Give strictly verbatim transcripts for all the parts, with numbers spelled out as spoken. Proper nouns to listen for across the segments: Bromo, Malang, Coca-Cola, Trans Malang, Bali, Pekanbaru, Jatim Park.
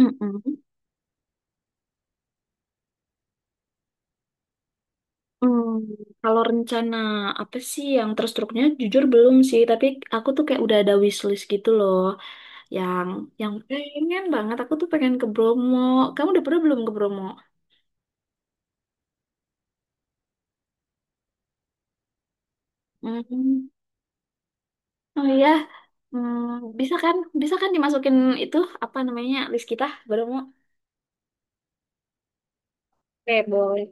Mm-mm. Hmm, Kalau rencana apa sih yang terstruknya jujur belum sih, tapi aku tuh kayak udah ada wishlist gitu loh, yang yang pengen banget aku tuh pengen ke Bromo. Kamu udah pernah belum ke Bromo? Hmm. Oh iya. Hmm, bisa kan? Bisa kan dimasukin itu apa namanya list kita Bromo? Oke, boleh.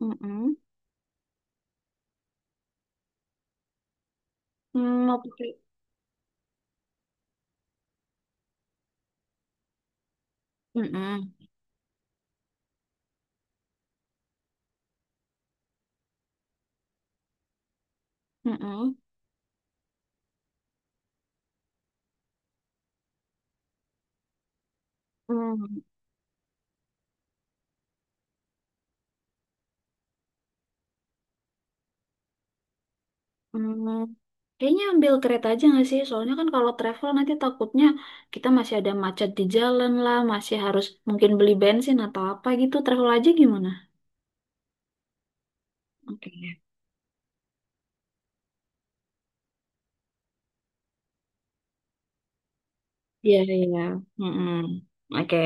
Mm-mm. Hmm, mau pakai. Mm-mm. Mm-mm. Hmm. Hmm, kayaknya ambil kereta aja nggak sih? Soalnya kan kalau travel nanti takutnya kita masih ada macet di jalan lah, masih harus mungkin beli bensin atau apa gitu. Travel aja gimana? Oke. Iya, iya. Mm-mm. Oke,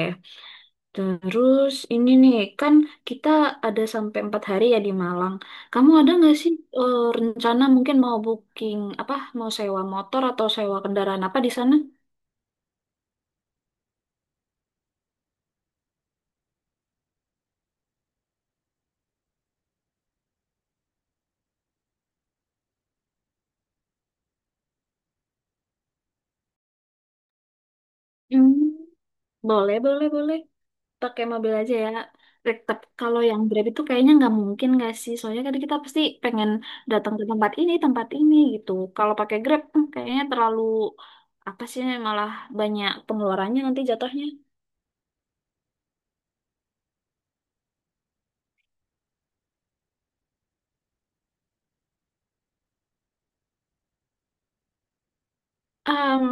terus ini nih, kan kita ada sampai empat hari ya di Malang. Kamu ada nggak sih eh, rencana mungkin mau booking apa, mau sewa motor atau sewa kendaraan apa di sana? Hmm, boleh, boleh, boleh. Pakai mobil aja ya. Rek, tep- kalau yang Grab itu kayaknya nggak mungkin nggak sih? Soalnya kan kita pasti pengen datang ke tempat ini, tempat ini gitu. Kalau pakai Grab, hmm, kayaknya terlalu apa sih? Malah banyak pengeluarannya nanti jatuhnya. Em,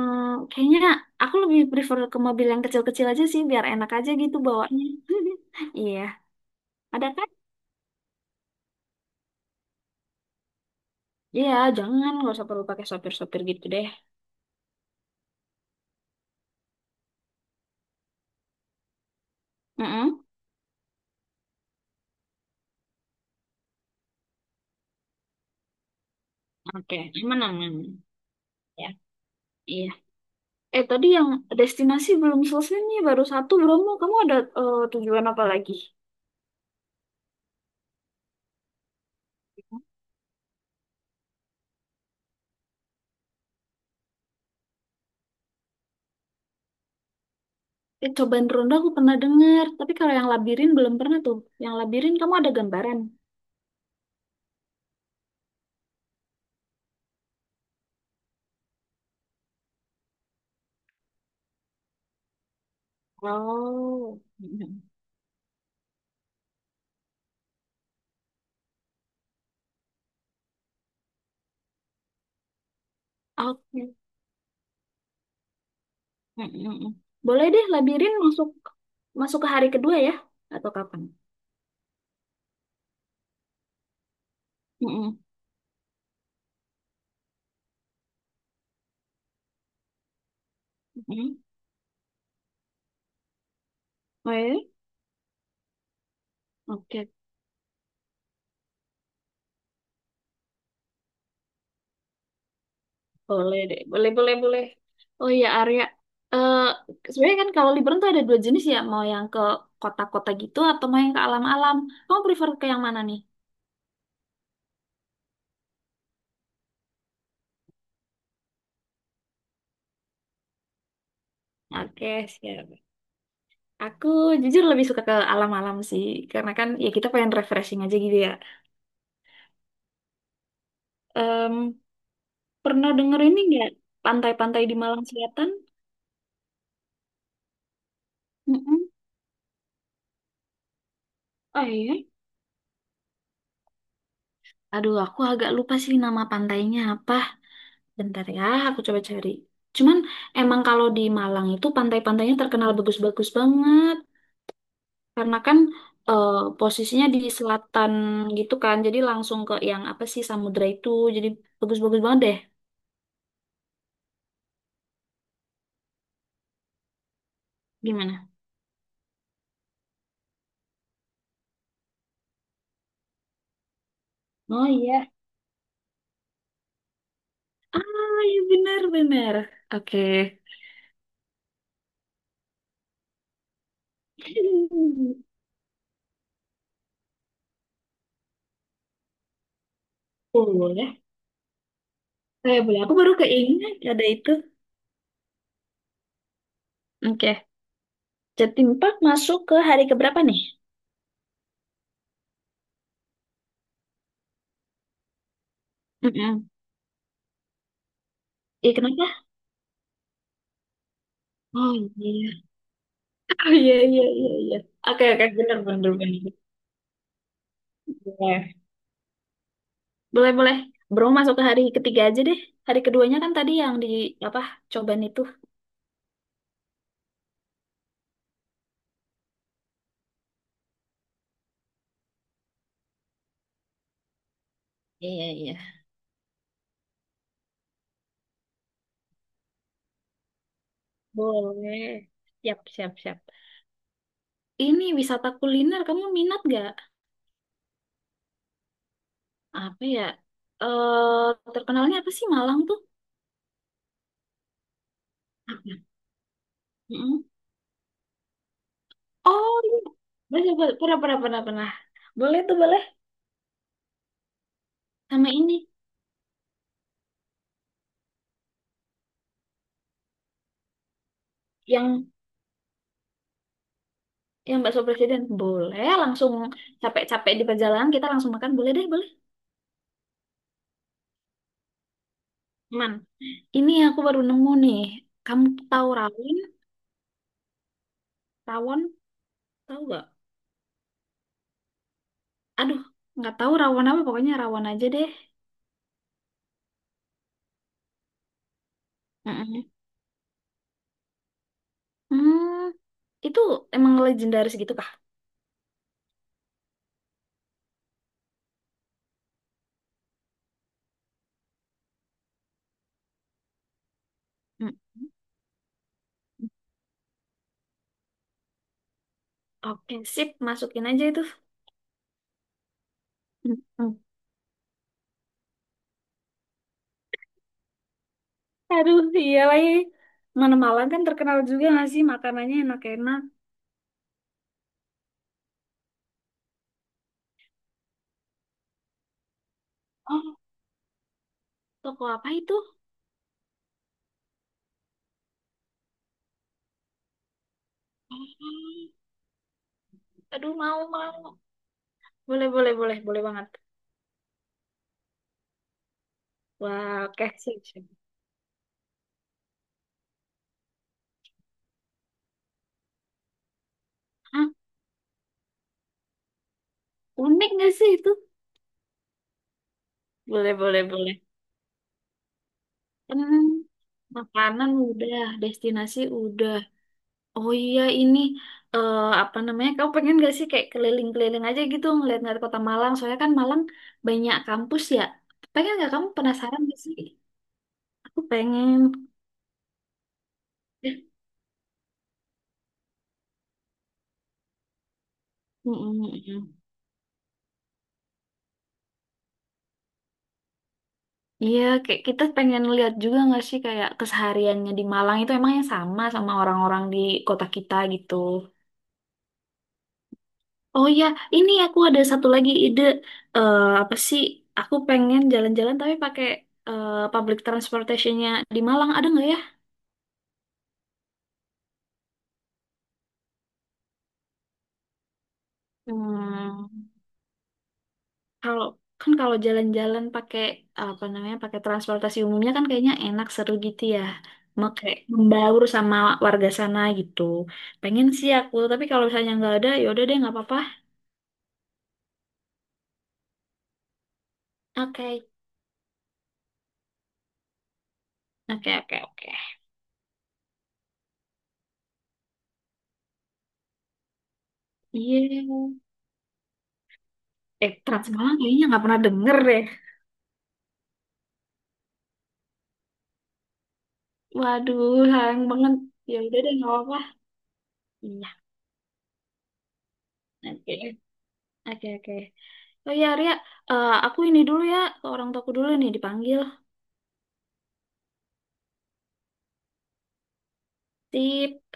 Kayaknya aku lebih prefer ke mobil yang kecil-kecil aja sih, biar enak aja gitu bawanya. Iya, ada kan? Iya, jangan nggak usah perlu pakai sopir-sopir gitu deh. Mm-mm. Oke, aman aman. Ya, iya. Eh, tadi yang destinasi belum selesai nih, baru satu Bromo. Kamu ada eh, tujuan apa lagi? Eh, cobaan ronda aku pernah dengar, tapi kalau yang labirin belum pernah tuh. Yang labirin kamu ada gambaran? Oh. Mm-mm. Oke. Mm-mm. Boleh deh, labirin masuk masuk ke hari kedua ya, atau kapan? Mm-mm. Mm-mm. Oh, ya? Oke. Boleh deh, boleh, boleh, boleh. Oh iya, Arya. Eh Sebenarnya kan kalau liburan tuh ada dua jenis ya, mau yang ke kota-kota gitu atau mau yang ke alam-alam. Kamu prefer ke yang mana nih? Oke, siap. Aku jujur lebih suka ke alam-alam sih, karena kan ya kita pengen refreshing aja gitu ya. Em, Pernah denger ini nggak pantai-pantai di Malang Selatan? Mm-mm. Oh iya. Aduh, aku agak lupa sih nama pantainya apa. Bentar ya, aku coba cari. Cuman emang kalau di Malang itu pantai-pantainya terkenal bagus-bagus banget. Karena kan eh, posisinya di selatan gitu kan. Jadi langsung ke yang apa sih samudra itu. Jadi bagus-bagus banget deh. Gimana? Oh iya. Ah iya benar-benar. Oke. Boleh. Eh, boleh. Aku baru keinget ada itu. Oke. Jatim Park masuk ke hari keberapa nih? Mm-mm. Iya kenapa? Oh iya. Oh iya, iya, iya, iya. Oke, oke, bener, bener, bener. Boleh, boleh, boleh. Bro masuk ke hari ketiga aja deh. Hari keduanya kan tadi yang di apa cobaan itu. Iya, iya. Boleh. Siap, siap, siap. Ini wisata kuliner kamu minat gak? Apa ya? Eh Terkenalnya apa sih Malang tuh? Mm-mm. Oh iya. Boleh, boleh. Pernah, pernah, pernah, pernah. Boleh tuh boleh. Sama ini yang yang bakso presiden boleh langsung capek-capek di perjalanan kita langsung makan boleh deh boleh. Aman. Ini aku baru nemu nih. Kamu tahu rawon? Rawon? Tahu gak? Aduh, nggak tahu rawon apa. Pokoknya rawon aja deh. Mm-mm. Hmm, itu emang legendaris gitu kah? Mm. Oke, sip. Masukin aja itu. Mm-mm. Aduh, iya lagi. Mana Malang kan terkenal juga nggak sih makanannya enak-enak. Oh, toko apa itu? Hmm. Aduh, mau, mau. Boleh, boleh, boleh. Boleh banget. Wah, oke. Sip, sip. Hah, unik nggak sih itu? Boleh, boleh, boleh. Hmm, makanan udah, destinasi udah. Oh iya ini eh, apa namanya? Kamu pengen gak sih kayak keliling-keliling aja gitu ngeliat-ngeliat kota Malang? Soalnya kan Malang banyak kampus ya. Pengen gak kamu penasaran gak sih? Aku pengen. Mm-mm-mm. Iya, kayak kita pengen lihat juga nggak sih kayak kesehariannya di Malang itu emang yang sama sama orang-orang di kota kita gitu. Oh ya, ini aku ada satu lagi ide. Eh, apa sih? Aku pengen jalan-jalan tapi pakai eh, public transportationnya di Malang ada nggak ya? Hmm, kalau kan kalau jalan-jalan pakai apa namanya pakai transportasi umumnya kan kayaknya enak seru gitu ya. Mau kayak membaur sama warga sana gitu. Pengen sih aku, tapi kalau misalnya nggak ada, ya udah deh nggak apa-apa. Oke. Oke, oke, oke. Iya. Eh, Trans Malang kayaknya nggak pernah denger deh. Waduh, sayang banget. Ya udah deh, nggak apa-apa. Iya, oke. Oke, oke. Oh ya, Ria, eh, aku ini dulu ya, ke orang tuaku dulu nih dipanggil. Sip.